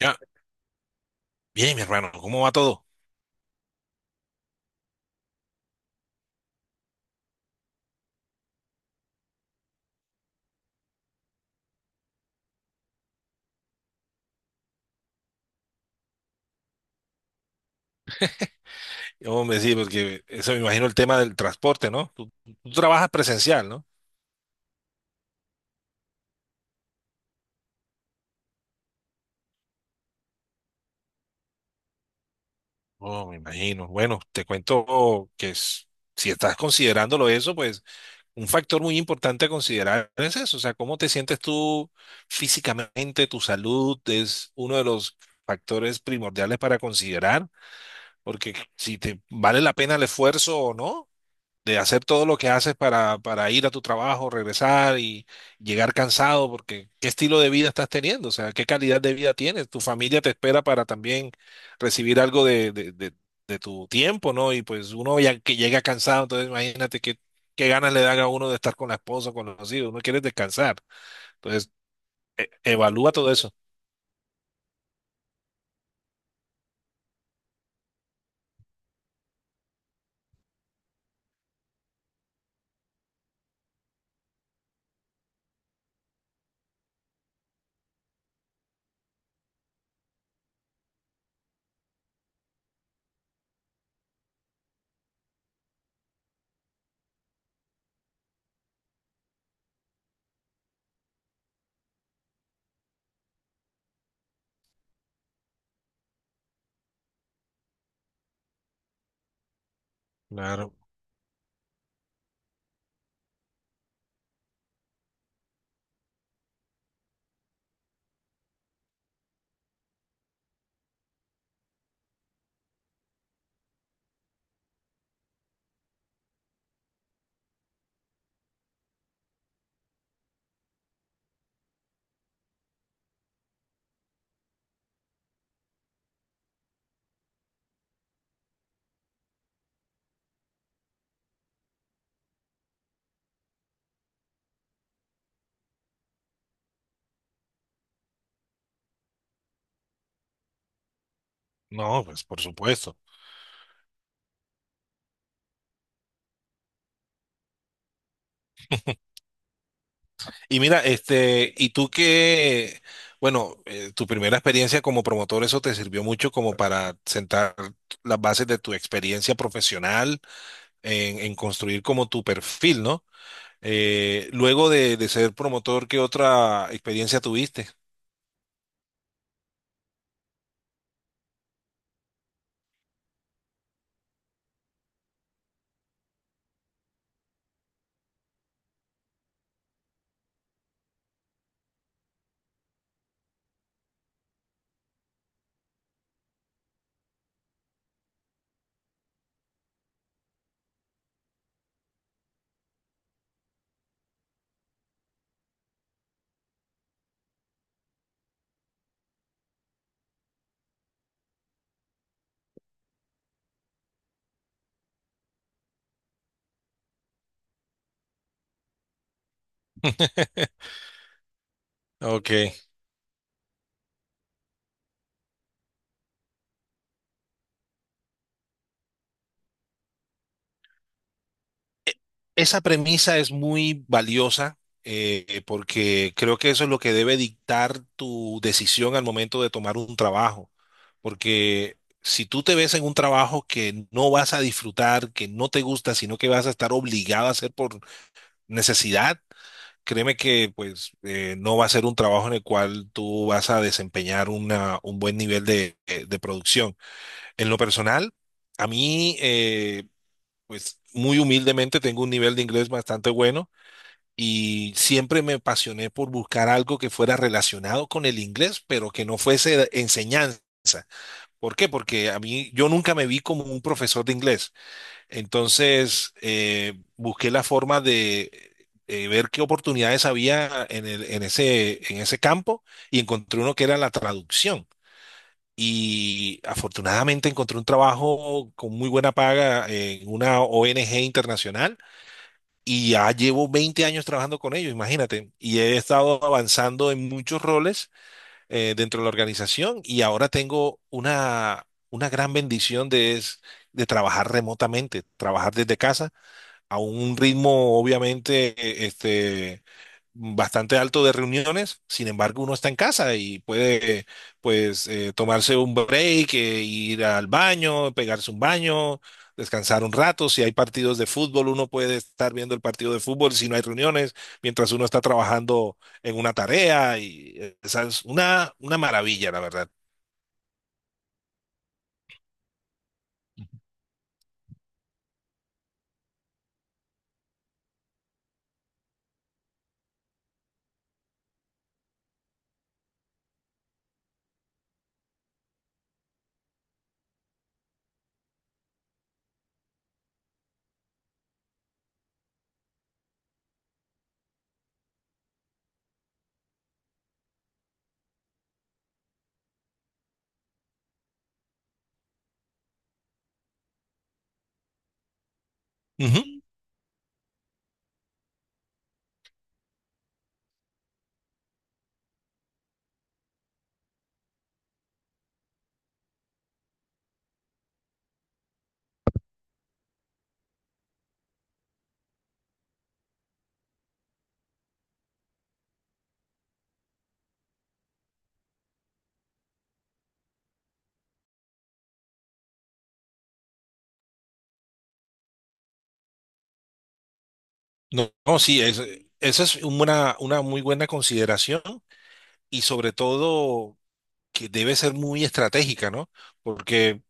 Ya, bien, mi hermano, ¿cómo va todo? Hombre, sí, porque eso me imagino el tema del transporte, ¿no? Tú trabajas presencial, ¿no? Oh, me imagino. Bueno, te cuento que si estás considerándolo eso, pues un factor muy importante a considerar es eso, o sea, cómo te sientes tú físicamente, tu salud es uno de los factores primordiales para considerar, porque si te vale la pena el esfuerzo o no, de hacer todo lo que haces para ir a tu trabajo, regresar y llegar cansado, porque ¿qué estilo de vida estás teniendo? O sea, ¿qué calidad de vida tienes? Tu familia te espera para también recibir algo de tu tiempo, ¿no? Y pues uno ya que llega cansado, entonces imagínate qué ganas le dan a uno de estar con la esposa, con los hijos, uno quiere descansar. Entonces, evalúa todo eso. Claro. No, pues por supuesto. Y mira, y tú qué bueno, tu primera experiencia como promotor, eso te sirvió mucho como para sentar las bases de tu experiencia profesional en construir como tu perfil, ¿no? Luego de ser promotor, ¿qué otra experiencia tuviste? Ok. Esa premisa es muy valiosa, porque creo que eso es lo que debe dictar tu decisión al momento de tomar un trabajo. Porque si tú te ves en un trabajo que no vas a disfrutar, que no te gusta, sino que vas a estar obligado a hacer por necesidad, créeme que pues no va a ser un trabajo en el cual tú vas a desempeñar un buen nivel de producción. En lo personal, a mí, pues muy humildemente tengo un nivel de inglés bastante bueno y siempre me apasioné por buscar algo que fuera relacionado con el inglés, pero que no fuese enseñanza. ¿Por qué? Porque a mí yo nunca me vi como un profesor de inglés. Entonces, busqué la forma de ver qué oportunidades había en en ese campo, y encontré uno que era la traducción. Y afortunadamente encontré un trabajo con muy buena paga en una ONG internacional, y ya llevo 20 años trabajando con ellos, imagínate. Y he estado avanzando en muchos roles dentro de la organización, y ahora tengo una gran bendición de trabajar remotamente, trabajar desde casa a un ritmo obviamente bastante alto de reuniones. Sin embargo, uno está en casa y puede pues tomarse un break, ir al baño, pegarse un baño, descansar un rato. Si hay partidos de fútbol uno puede estar viendo el partido de fútbol si no hay reuniones, mientras uno está trabajando en una tarea, y esa es una maravilla, la verdad. Ujú. No, no, sí, es, esa es una muy buena consideración, y sobre todo que debe ser muy estratégica, ¿no? Porque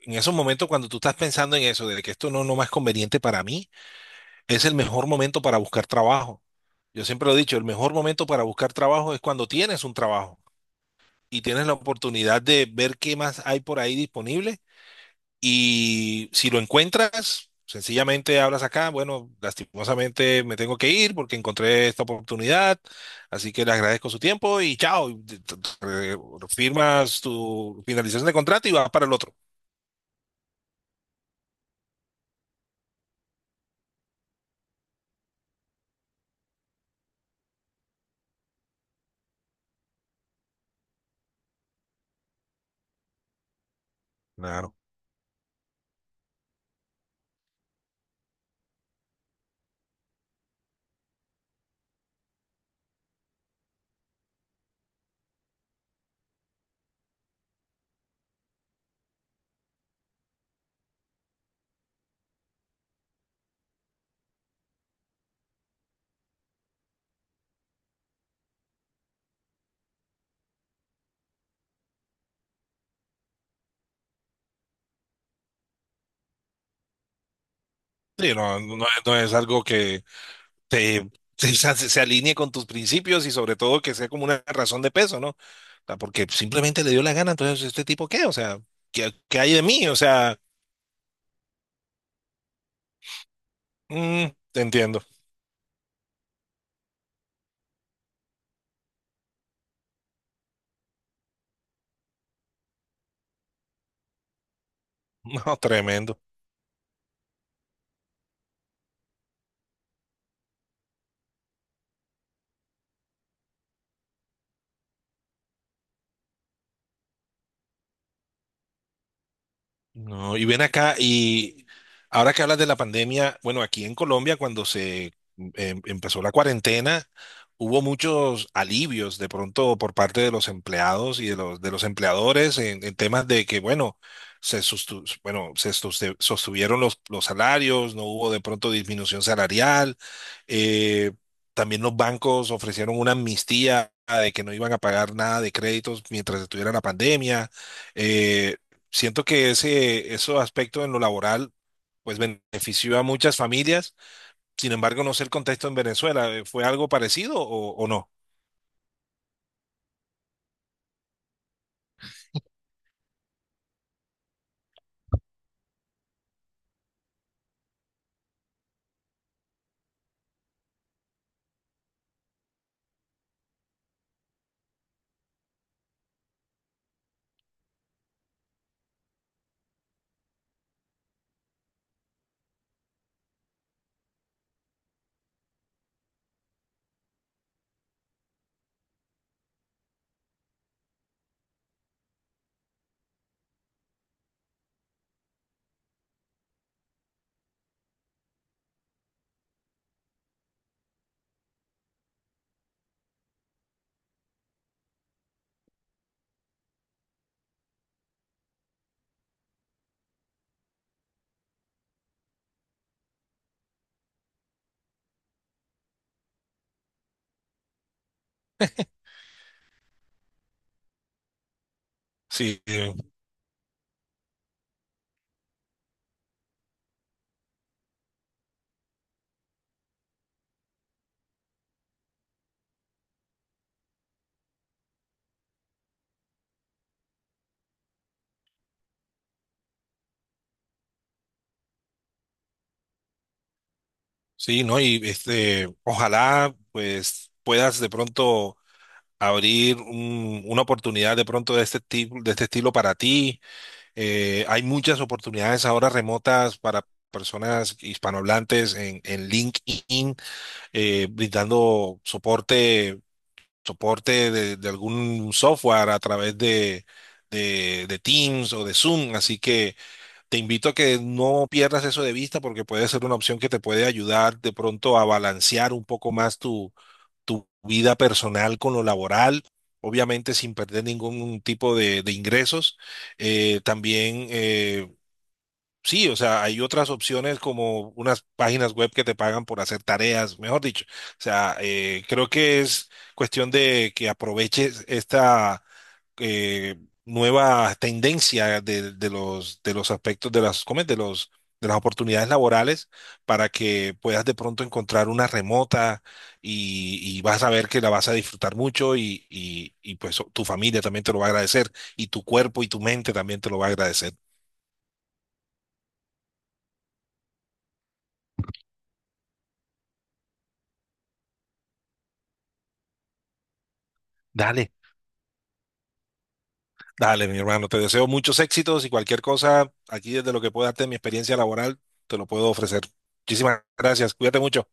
en esos momentos cuando tú estás pensando en eso, de que esto no, no más conveniente para mí, es el mejor momento para buscar trabajo. Yo siempre lo he dicho, el mejor momento para buscar trabajo es cuando tienes un trabajo y tienes la oportunidad de ver qué más hay por ahí disponible, y si lo encuentras, sencillamente hablas acá, bueno, lastimosamente me tengo que ir porque encontré esta oportunidad, así que le agradezco su tiempo y chao, y firmas tu finalización de contrato y vas para el otro. Claro. Sí, no, no, no, no es algo que te se alinee con tus principios, y sobre todo que sea como una razón de peso, ¿no? O sea, porque simplemente le dio la gana, entonces, ¿este tipo qué? O sea, ¿qué, qué hay de mí? O sea, mm, te entiendo. No, tremendo. No, y ven acá, y ahora que hablas de la pandemia, bueno, aquí en Colombia, cuando se empezó la cuarentena, hubo muchos alivios de pronto por parte de los empleados y de los empleadores en temas de que, bueno, se, sustu- bueno, se soste- sostuvieron los salarios, no hubo de pronto disminución salarial, eh, también los bancos ofrecieron una amnistía de que no iban a pagar nada de créditos mientras estuviera la pandemia. eh, Siento que ese, esos aspectos en lo laboral, pues benefició a muchas familias. Sin embargo, no sé el contexto en Venezuela. ¿Fue algo parecido o no? Sí, sí, ¿no? Y este, ojalá, pues, puedas de pronto abrir una oportunidad de pronto de este tipo, de este estilo para ti. Hay muchas oportunidades ahora remotas para personas hispanohablantes en LinkedIn, brindando soporte soporte de algún software a través de Teams o de Zoom. Así que te invito a que no pierdas eso de vista porque puede ser una opción que te puede ayudar de pronto a balancear un poco más tu, tu vida personal con lo laboral. Obviamente sin perder ningún tipo de ingresos. También Sí, o sea, hay otras opciones como unas páginas web que te pagan por hacer tareas, mejor dicho. O sea, creo que es cuestión de que aproveches esta eh, nueva tendencia de los aspectos de las, ¿cómo es? De los, de las oportunidades laborales para que puedas de pronto encontrar una remota, y vas a ver que la vas a disfrutar mucho, y pues tu familia también te lo va a agradecer, y tu cuerpo y tu mente también te lo va a agradecer. Dale. Dale, mi hermano, te deseo muchos éxitos, y cualquier cosa aquí desde lo que pueda darte mi experiencia laboral, te lo puedo ofrecer. Muchísimas gracias, cuídate mucho.